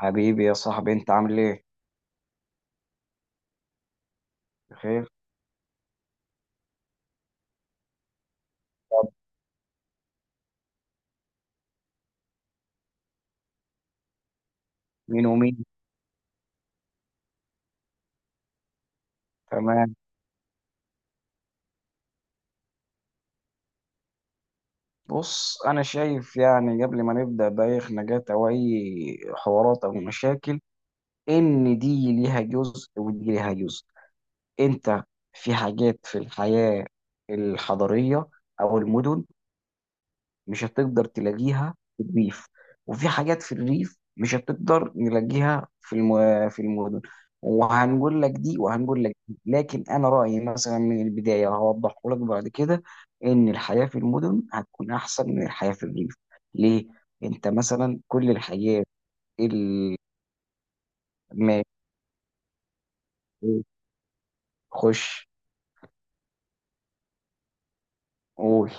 حبيبي يا صاحبي، انت عامل ايه؟ بخير. طب، مين ومين؟ تمام. بص، انا شايف يعني قبل ما نبدا باي خناقات او اي حوارات او مشاكل ان دي ليها جزء ودي ليها جزء. انت في حاجات في الحياه الحضريه او المدن مش هتقدر تلاقيها في الريف، وفي حاجات في الريف مش هتقدر نلاقيها في المدن. وهنقول لك دي وهنقول لك دي، لكن انا رايي مثلا من البدايه هوضحه لك بعد كده ان الحياه في المدن هتكون احسن من الحياه في الريف. ليه؟ انت مثلا كل الحياه اللي ما خش. قول.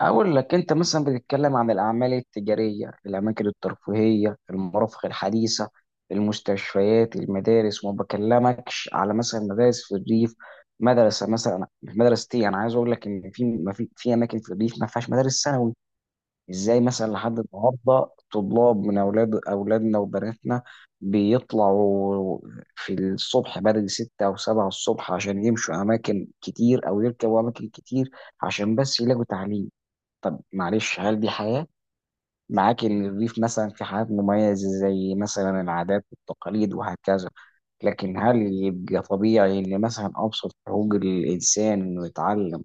أقول لك، أنت مثلا بتتكلم عن الأعمال التجارية، الأماكن الترفيهية، المرافق الحديثة، المستشفيات، المدارس، وما بكلمكش على مثلا مدارس في الريف. مدرسة مثلا مدرستي، أنا عايز أقول لك إن في أماكن في الريف ما فيهاش مدارس ثانوي. إزاي مثلا لحد النهاردة طلاب من أولاد أولادنا وبناتنا بيطلعوا في الصبح بدري ستة أو سبعة الصبح عشان يمشوا أماكن كتير أو يركبوا أماكن كتير عشان بس يلاقوا تعليم؟ طب معلش، هل دي حياة؟ معاك إن الريف مثلا في حاجات مميزة زي مثلا العادات والتقاليد وهكذا، لكن هل يبقى طبيعي إن مثلا أبسط حقوق الإنسان إنه يتعلم،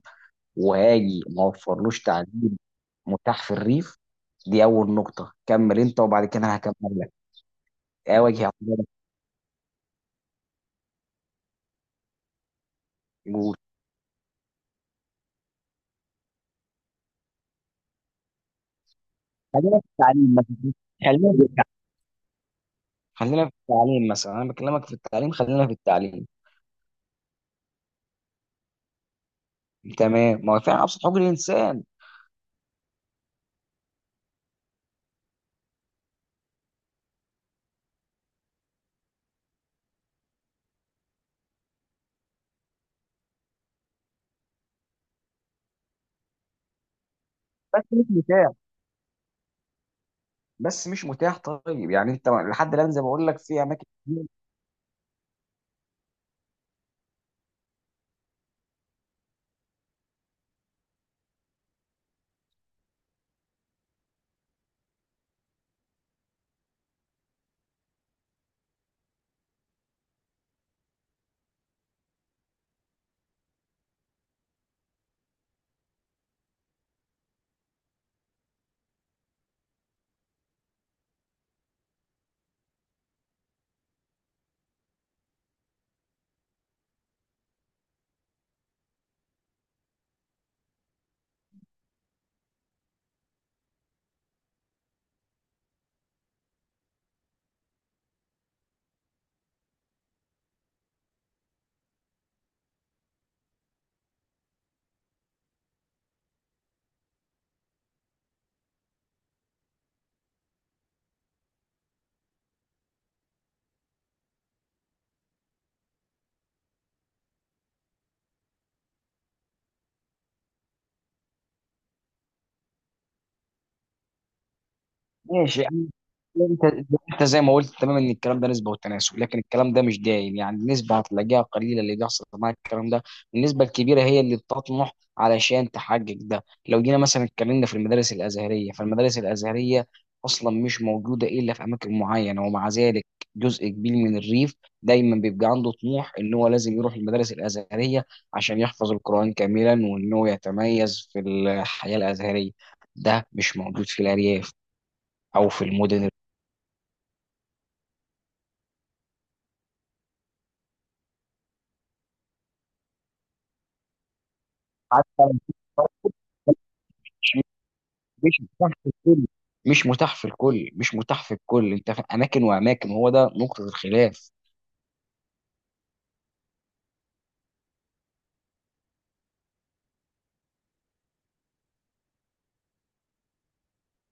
وهاجي ما وفرلوش تعليم متاح في الريف؟ دي أول نقطة، كمل أنت وبعد كده أنا هكمل لك. أواجه اعتراضك. قول. خلينا في التعليم مثلا، خلينا في التعليم، خلينا في التعليم مثلا، أنا بكلمك في التعليم، خلينا في التعليم. تمام، ما هو فعلا أبسط حقوق الإنسان. بس مش مثال، بس مش متاح. طيب يعني انت لحد الان زي ما بقول لك في اماكن كتير. ماشي يعني. انت انت زي ما قلت، تمام، ان الكلام ده نسبه وتناسب، لكن الكلام ده مش دايم يعني، النسبه هتلاقيها قليله اللي بيحصل معاك الكلام ده. النسبه الكبيره هي اللي بتطمح علشان تحقق ده. لو جينا مثلا اتكلمنا في المدارس الازهريه، فالمدارس الازهريه اصلا مش موجوده الا في اماكن معينه، ومع ذلك جزء كبير من الريف دايما بيبقى عنده طموح ان هو لازم يروح المدارس الازهريه عشان يحفظ القران كاملا، وان هو يتميز في الحياه الازهريه. ده مش موجود في الارياف او في المدن اللي- حتى. مش مش متاح في الكل، مش متاح في الكل مش متاح في الكل. انت في اماكن واماكن، هو ده نقطه الخلاف.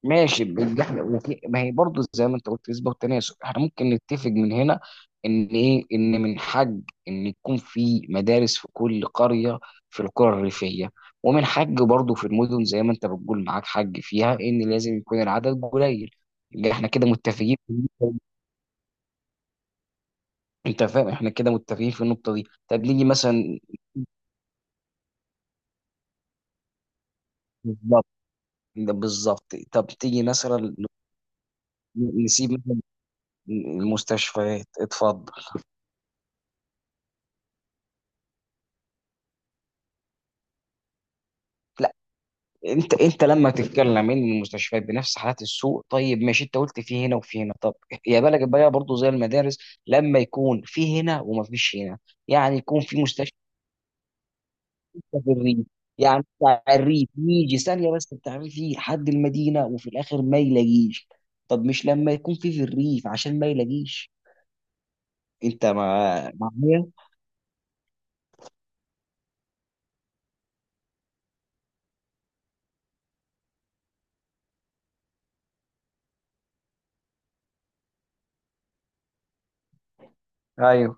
ماشي بال- احنا وفي- ما هي برضه زي ما انت قلت نسبه وتناسب. احنا ممكن نتفق من هنا ان ايه، ان من حق ان يكون في مدارس في كل قريه، في القرى الريفيه، ومن حق برضه في المدن زي ما انت بتقول معاك حق فيها، ان لازم يكون العدد قليل. يبقى احنا كده متفقين في النقطة دي. انت فاهم؟ احنا كده متفقين في النقطه دي. طب نيجي مثلا. بالظبط، ده بالظبط. طب تيجي مثلا نسيب مثلا المستشفيات. اتفضل. لا، انت لما تتكلم ان المستشفيات بنفس حالات السوق، طيب ماشي، انت قلت في هنا وفي هنا، طب يا بالك بقى برضه زي المدارس لما يكون في هنا وما فيش هنا. يعني يكون في مستشفى في الريف، يعني بتاع الريف يجي ثانيه، بس بتاع الريف يجي لحد المدينه وفي الاخر ما يلاقيش. طب مش لما يكون في في الريف عشان ما يلاقيش. انت ما معايا. ايوه،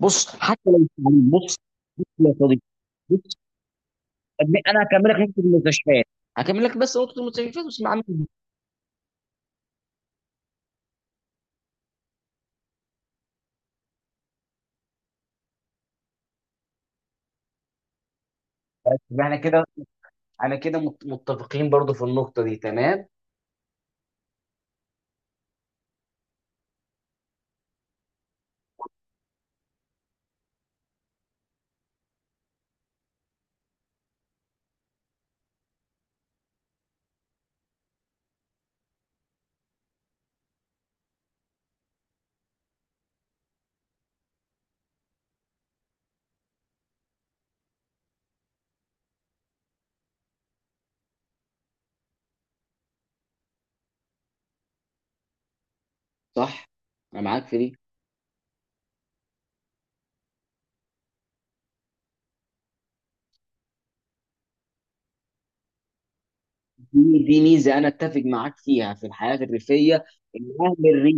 بص حتى لو مش تعليم، بص، بص يا صديقي، بص. انا هكمل لك نقطه المستشفيات، هكمل لك بس نقطه المستشفيات واسمع عني. يبقى احنا كده، انا كده متفقين برضو في النقطه دي، تمام. صح. انا معاك في دي. دي ميزه انا اتفق معاك فيها في الحياه الريفيه. ان اهل الريف،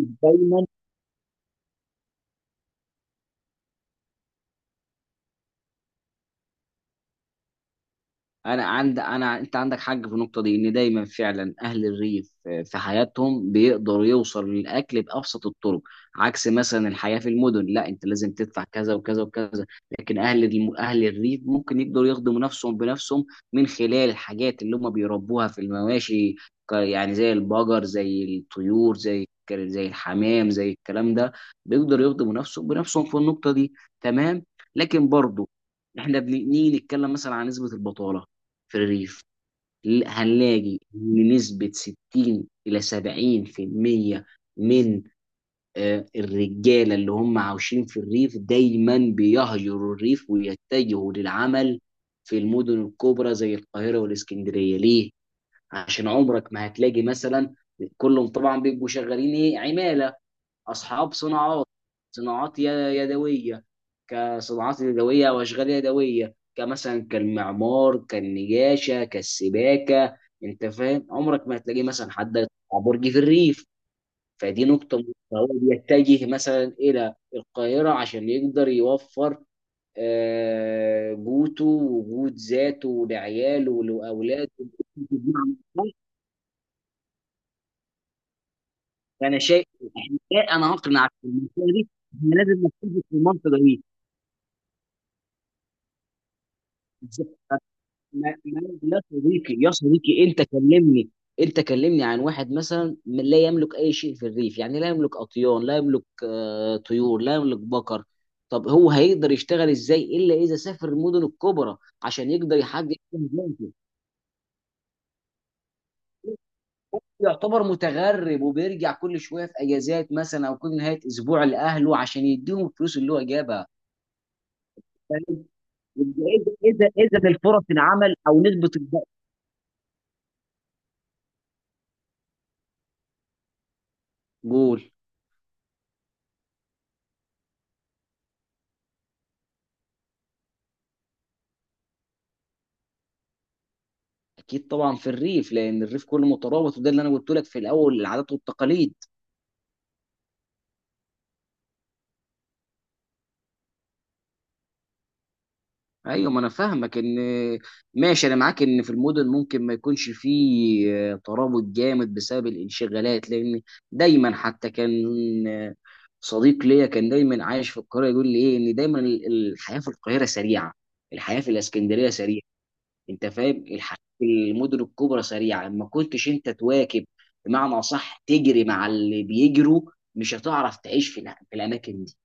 انا عند انا انت عندك حق في النقطه دي، ان دايما فعلا اهل الريف في حياتهم بيقدر يوصل للاكل بابسط الطرق، عكس مثلا الحياه في المدن، لا انت لازم تدفع كذا وكذا وكذا. لكن اهل الريف ممكن يقدروا يخدموا نفسهم بنفسهم من خلال الحاجات اللي هم بيربوها في المواشي، يعني زي البقر، زي الطيور، زي الحمام، زي الكلام ده. بيقدروا يخدموا نفسهم بنفسهم في النقطه دي، تمام. لكن برضه احنا بنيجي نتكلم مثلا عن نسبه البطاله في الريف. هنلاقي إن نسبة 60 إلى 70% من الرجالة اللي هم عاوشين في الريف دايما بيهجروا الريف ويتجهوا للعمل في المدن الكبرى زي القاهرة والإسكندرية. ليه؟ عشان عمرك ما هتلاقي مثلا كلهم طبعا بيبقوا شغالين ايه، عمالة، اصحاب صناعات، صناعات ي- يدويه. كصناعات يدويه او اشغال يدويه كمثلا كالمعمار، كالنجاشه، كالسباكه. انت فاهم، عمرك ما هتلاقي مثلا حد يطلع برج في الريف. فدي نقطه مهمة. فهو بيتجه مثلا الى القاهره عشان يقدر يوفر قوته وجود ذاته لعياله ولاولاده، بمعنى أصح. فانا شايف انا هقنع في المنطقه دي. إحنا لازم نتفق في المنطقه دي بالظبط. يا صديقي، يا صديقي، انت كلمني، انت كلمني عن واحد مثلا لا يملك اي شيء في الريف، يعني لا يملك اطيان، لا يملك طيور، لا يملك بقر. طب هو هيقدر يشتغل ازاي الا اذا سافر المدن الكبرى عشان يقدر يحقق اهدافه؟ يعتبر متغرب وبيرجع كل شويه في اجازات مثلا، او كل نهايه اسبوع لاهله عشان يديهم الفلوس اللي هو جابها. فاهم؟ يبقى اذا، اذا الفرص العمل او قول. اكيد طبعا في الريف لان الريف كله مترابط، وده اللي انا قلت لك في الاول، العادات والتقاليد. ايوه، ما انا فاهمك. ان ماشي، انا معاك ان في المدن ممكن ما يكونش فيه ترابط جامد بسبب الانشغالات، لان دايما حتى كان آه، صديق ليا كان دايما عايش في القاهره يقول لي ايه، ان دايما الحياه في القاهره سريعه، الحياه في الاسكندريه سريعه. انت فاهم الحاجات المدن الكبرى سريعه، لما كنتش انت تواكب بمعنى اصح، تجري مع اللي بيجروا، مش هتعرف تعيش في في الاماكن دي.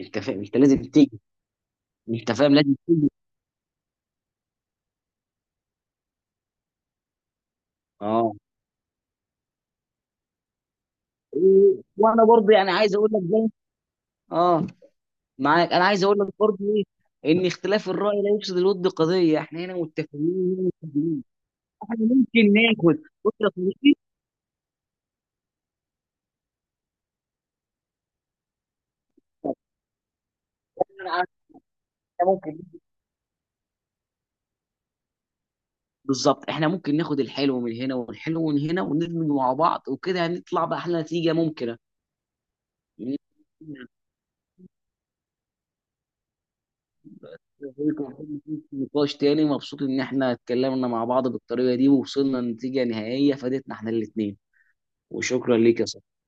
انت فاهم انت لازم تجري، انت فاهم لازم تجري. اه، وانا برضه يعني عايز اقول لك زي. اه، معاك، انا عايز اقول لك برضه ايه، ان اختلاف الراي لا يفسد الود قضيه، احنا هنا متفقين. هنا متفقين. احنا ممكن ناخد، بص يا صديقي، انا ممكن بالظبط. احنا ممكن ناخد الحلو من هنا والحلو من هنا وندمج مع بعض، وكده هنطلع بأحلى نتيجة ممكنة. نقاش تاني، مبسوط ان احنا اتكلمنا مع بعض بالطريقة دي، ووصلنا لنتيجة نهائية فادتنا احنا الاتنين. وشكرا ليك يا صاحبي.